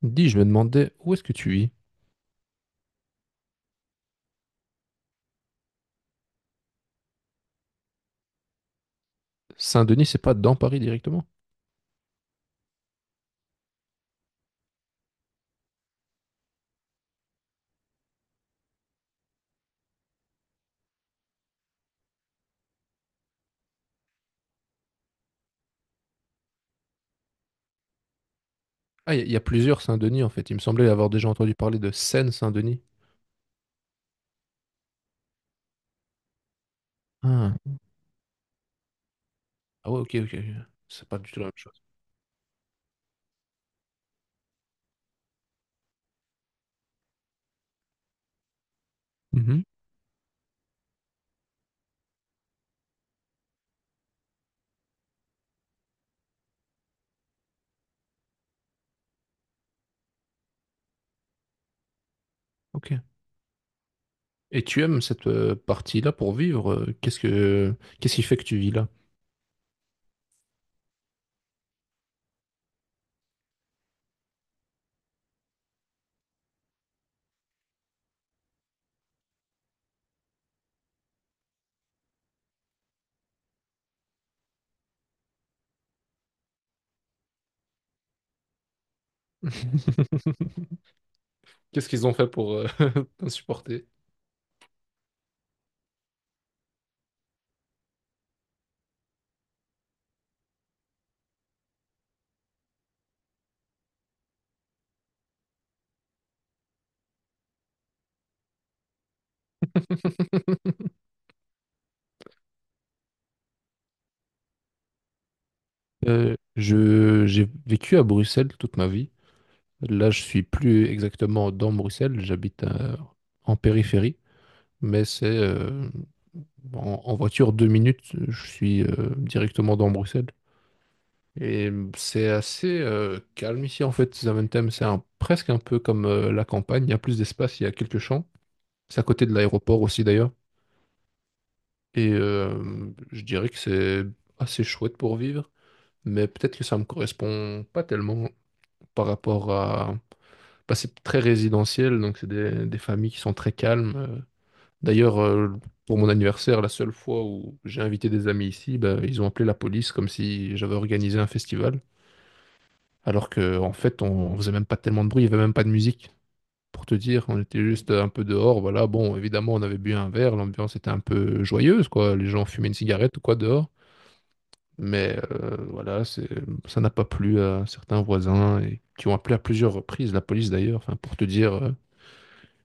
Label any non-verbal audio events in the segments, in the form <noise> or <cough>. Dis, je me demandais où est-ce que tu vis? Saint-Denis, c'est pas dans Paris directement? Ah, il y a plusieurs Saint-Denis en fait. Il me semblait avoir déjà entendu parler de Seine-Saint-Denis. Ah. Ah ouais, ok, ok. Ok. C'est pas du tout la même chose. Mhm. Ok. Et tu aimes cette partie-là pour vivre? Qu'est-ce qui fait que tu vis là? <laughs> Qu'est-ce qu'ils ont fait pour <laughs> t'insupporter? J'ai vécu à Bruxelles toute ma vie. Là, je suis plus exactement dans Bruxelles. J'habite en périphérie. Mais c'est en voiture 2 minutes, je suis directement dans Bruxelles. Et c'est assez calme ici en fait, Zaventem, c'est presque un peu comme la campagne, il y a plus d'espace, il y a quelques champs. C'est à côté de l'aéroport aussi d'ailleurs. Et je dirais que c'est assez chouette pour vivre, mais peut-être que ça me correspond pas tellement par rapport à... Bah, c'est très résidentiel, donc c'est des familles qui sont très calmes. D'ailleurs, pour mon anniversaire, la seule fois où j'ai invité des amis ici, bah, ils ont appelé la police comme si j'avais organisé un festival, alors que en fait, on faisait même pas tellement de bruit, il y avait même pas de musique. Pour te dire, on était juste un peu dehors, voilà. Bon, évidemment, on avait bu un verre, l'ambiance était un peu joyeuse, quoi. Les gens fumaient une cigarette ou quoi dehors, mais voilà, c'est, ça n'a pas plu à certains voisins et qui ont appelé à plusieurs reprises la police d'ailleurs. Enfin, pour te dire,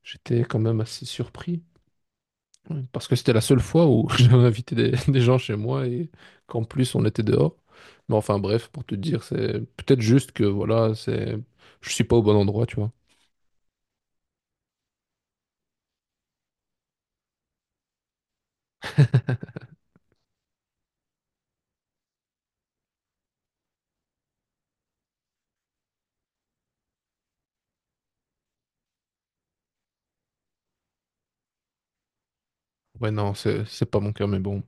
j'étais quand même assez surpris. Ouais, parce que c'était la seule fois où <laughs> j'avais invité des gens chez moi et qu'en plus on était dehors. Mais enfin bref, pour te dire, c'est peut-être juste que voilà, c'est je suis pas au bon endroit, tu vois. <laughs> Ouais, non, c'est pas mon cas, mais bon.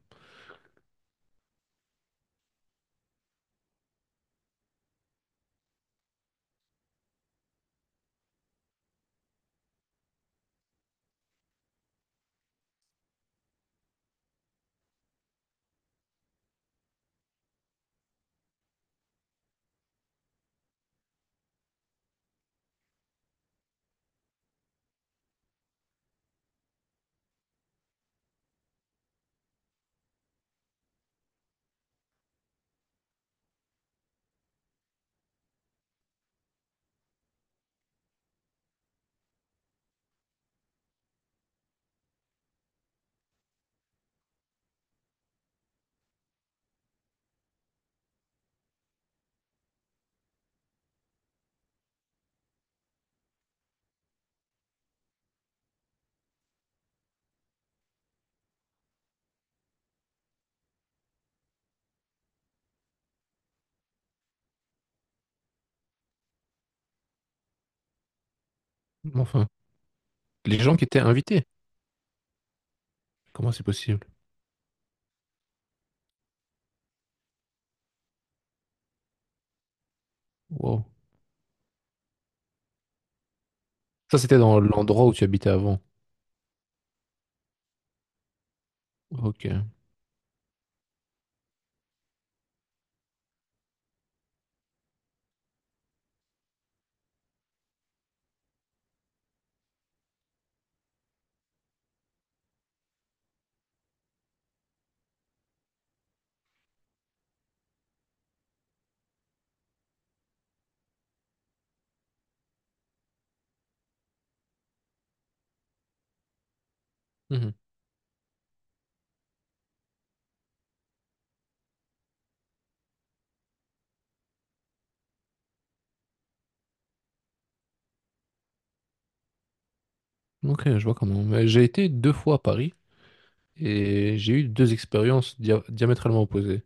Enfin, les gens qui étaient invités, comment c'est possible? Wow. Ça, c'était dans l'endroit où tu habitais avant. Ok. Mhm. Ok, je vois comment. Mais j'ai été deux fois à Paris et j'ai eu deux expériences diamétralement opposées.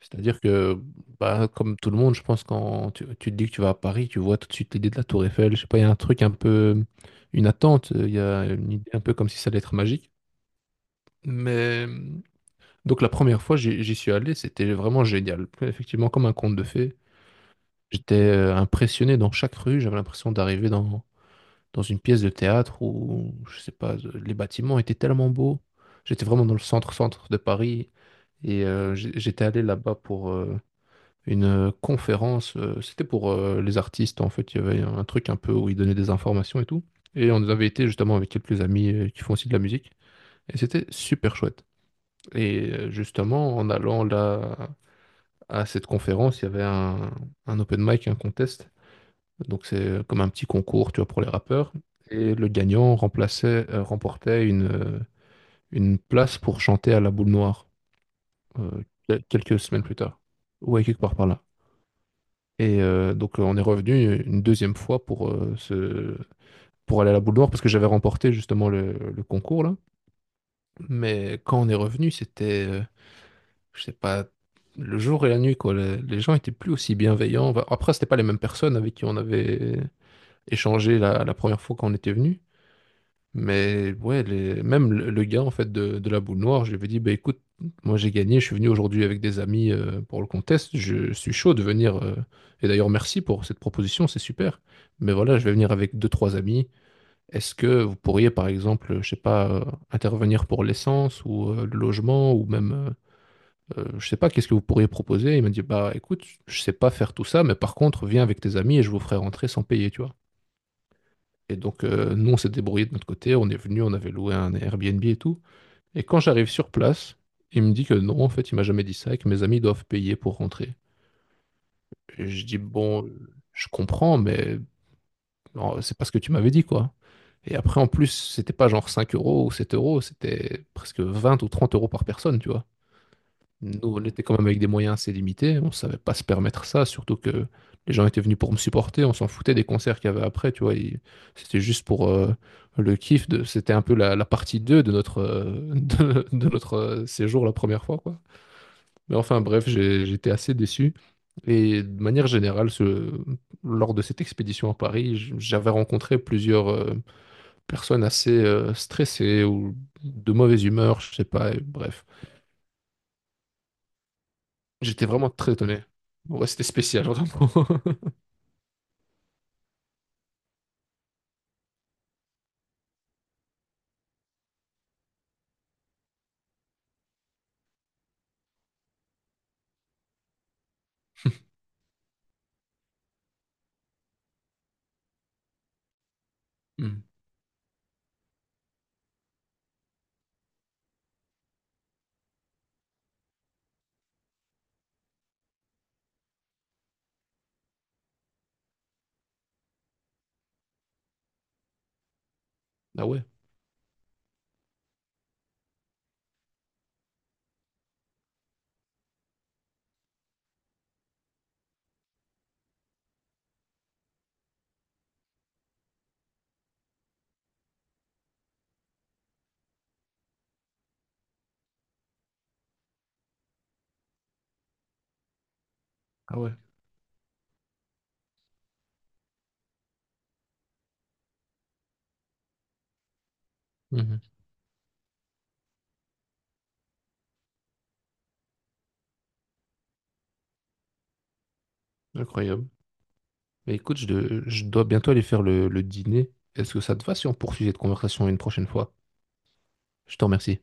C'est-à-dire que, bah, comme tout le monde, je pense, quand tu te dis que tu vas à Paris, tu vois tout de suite l'idée de la Tour Eiffel. Je sais pas, il y a un truc un peu, une attente, il y a une idée un peu comme si ça allait être magique. Mais donc la première fois, j'y suis allé, c'était vraiment génial. Effectivement, comme un conte de fées. J'étais impressionné dans chaque rue, j'avais l'impression d'arriver dans une pièce de théâtre où, je sais pas, les bâtiments étaient tellement beaux. J'étais vraiment dans le centre-centre de Paris. Et j'étais allé là-bas pour, une conférence. C'était pour les artistes, en fait. Il y avait un truc un peu où ils donnaient des informations et tout. Et on avait été justement avec quelques amis qui font aussi de la musique. Et c'était super chouette. Et justement, en allant là à cette conférence, il y avait un open mic, un contest. Donc c'est comme un petit concours, tu vois, pour les rappeurs. Et le gagnant remplaçait, remportait une place pour chanter à la boule noire quelques semaines plus tard. Ouais, quelque part par là. Et donc, on est revenu une deuxième fois pour aller à la boule noire parce que j'avais remporté justement le concours là. Mais quand on est revenu, c'était, je sais pas, le jour et la nuit quoi. Les gens étaient plus aussi bienveillants. Enfin, après, c'était pas les mêmes personnes avec qui on avait échangé la première fois quand on était venu. Mais ouais, les... même le gars en fait de la boule noire, je lui avais dit, bah écoute, moi j'ai gagné, je suis venu aujourd'hui avec des amis pour le contest, je suis chaud de venir. Et d'ailleurs, merci pour cette proposition, c'est super. Mais voilà, je vais venir avec deux, trois amis. Est-ce que vous pourriez, par exemple, je sais pas, intervenir pour l'essence ou le logement ou même, je sais pas, qu'est-ce que vous pourriez proposer? Il m'a dit, bah écoute, je sais pas faire tout ça, mais par contre, viens avec tes amis et je vous ferai rentrer sans payer, tu vois. Et donc, nous, on s'est débrouillé de notre côté, on est venu, on avait loué un Airbnb et tout. Et quand j'arrive sur place, il me dit que non, en fait, il m'a jamais dit ça et que mes amis doivent payer pour rentrer. Et je dis, bon, je comprends, mais non, c'est pas ce que tu m'avais dit, quoi. Et après, en plus, c'était pas genre 5 € ou 7 euros, c'était presque 20 ou 30 € par personne, tu vois. Nous, on était quand même avec des moyens assez limités, on savait pas se permettre ça, surtout que les gens étaient venus pour me supporter, on s'en foutait des concerts qu'il y avait après, tu vois, et c'était juste pour le kiff de, c'était un peu la partie 2 de notre, <laughs> de notre séjour la première fois, quoi. Mais enfin, bref, j'étais assez déçu. Et de manière générale, lors de cette expédition à Paris, j'avais rencontré plusieurs personnes assez stressées ou de mauvaise humeur, je sais pas, et bref. J'étais vraiment très étonné. Bon, ouais, c'était spécial, j'entends. <laughs> Hmm. Ah ouais, ah ouais. Mhm. Incroyable. Mais écoute, je dois bientôt aller faire le dîner. Est-ce que ça te va si on poursuit cette conversation une prochaine fois? Je te remercie.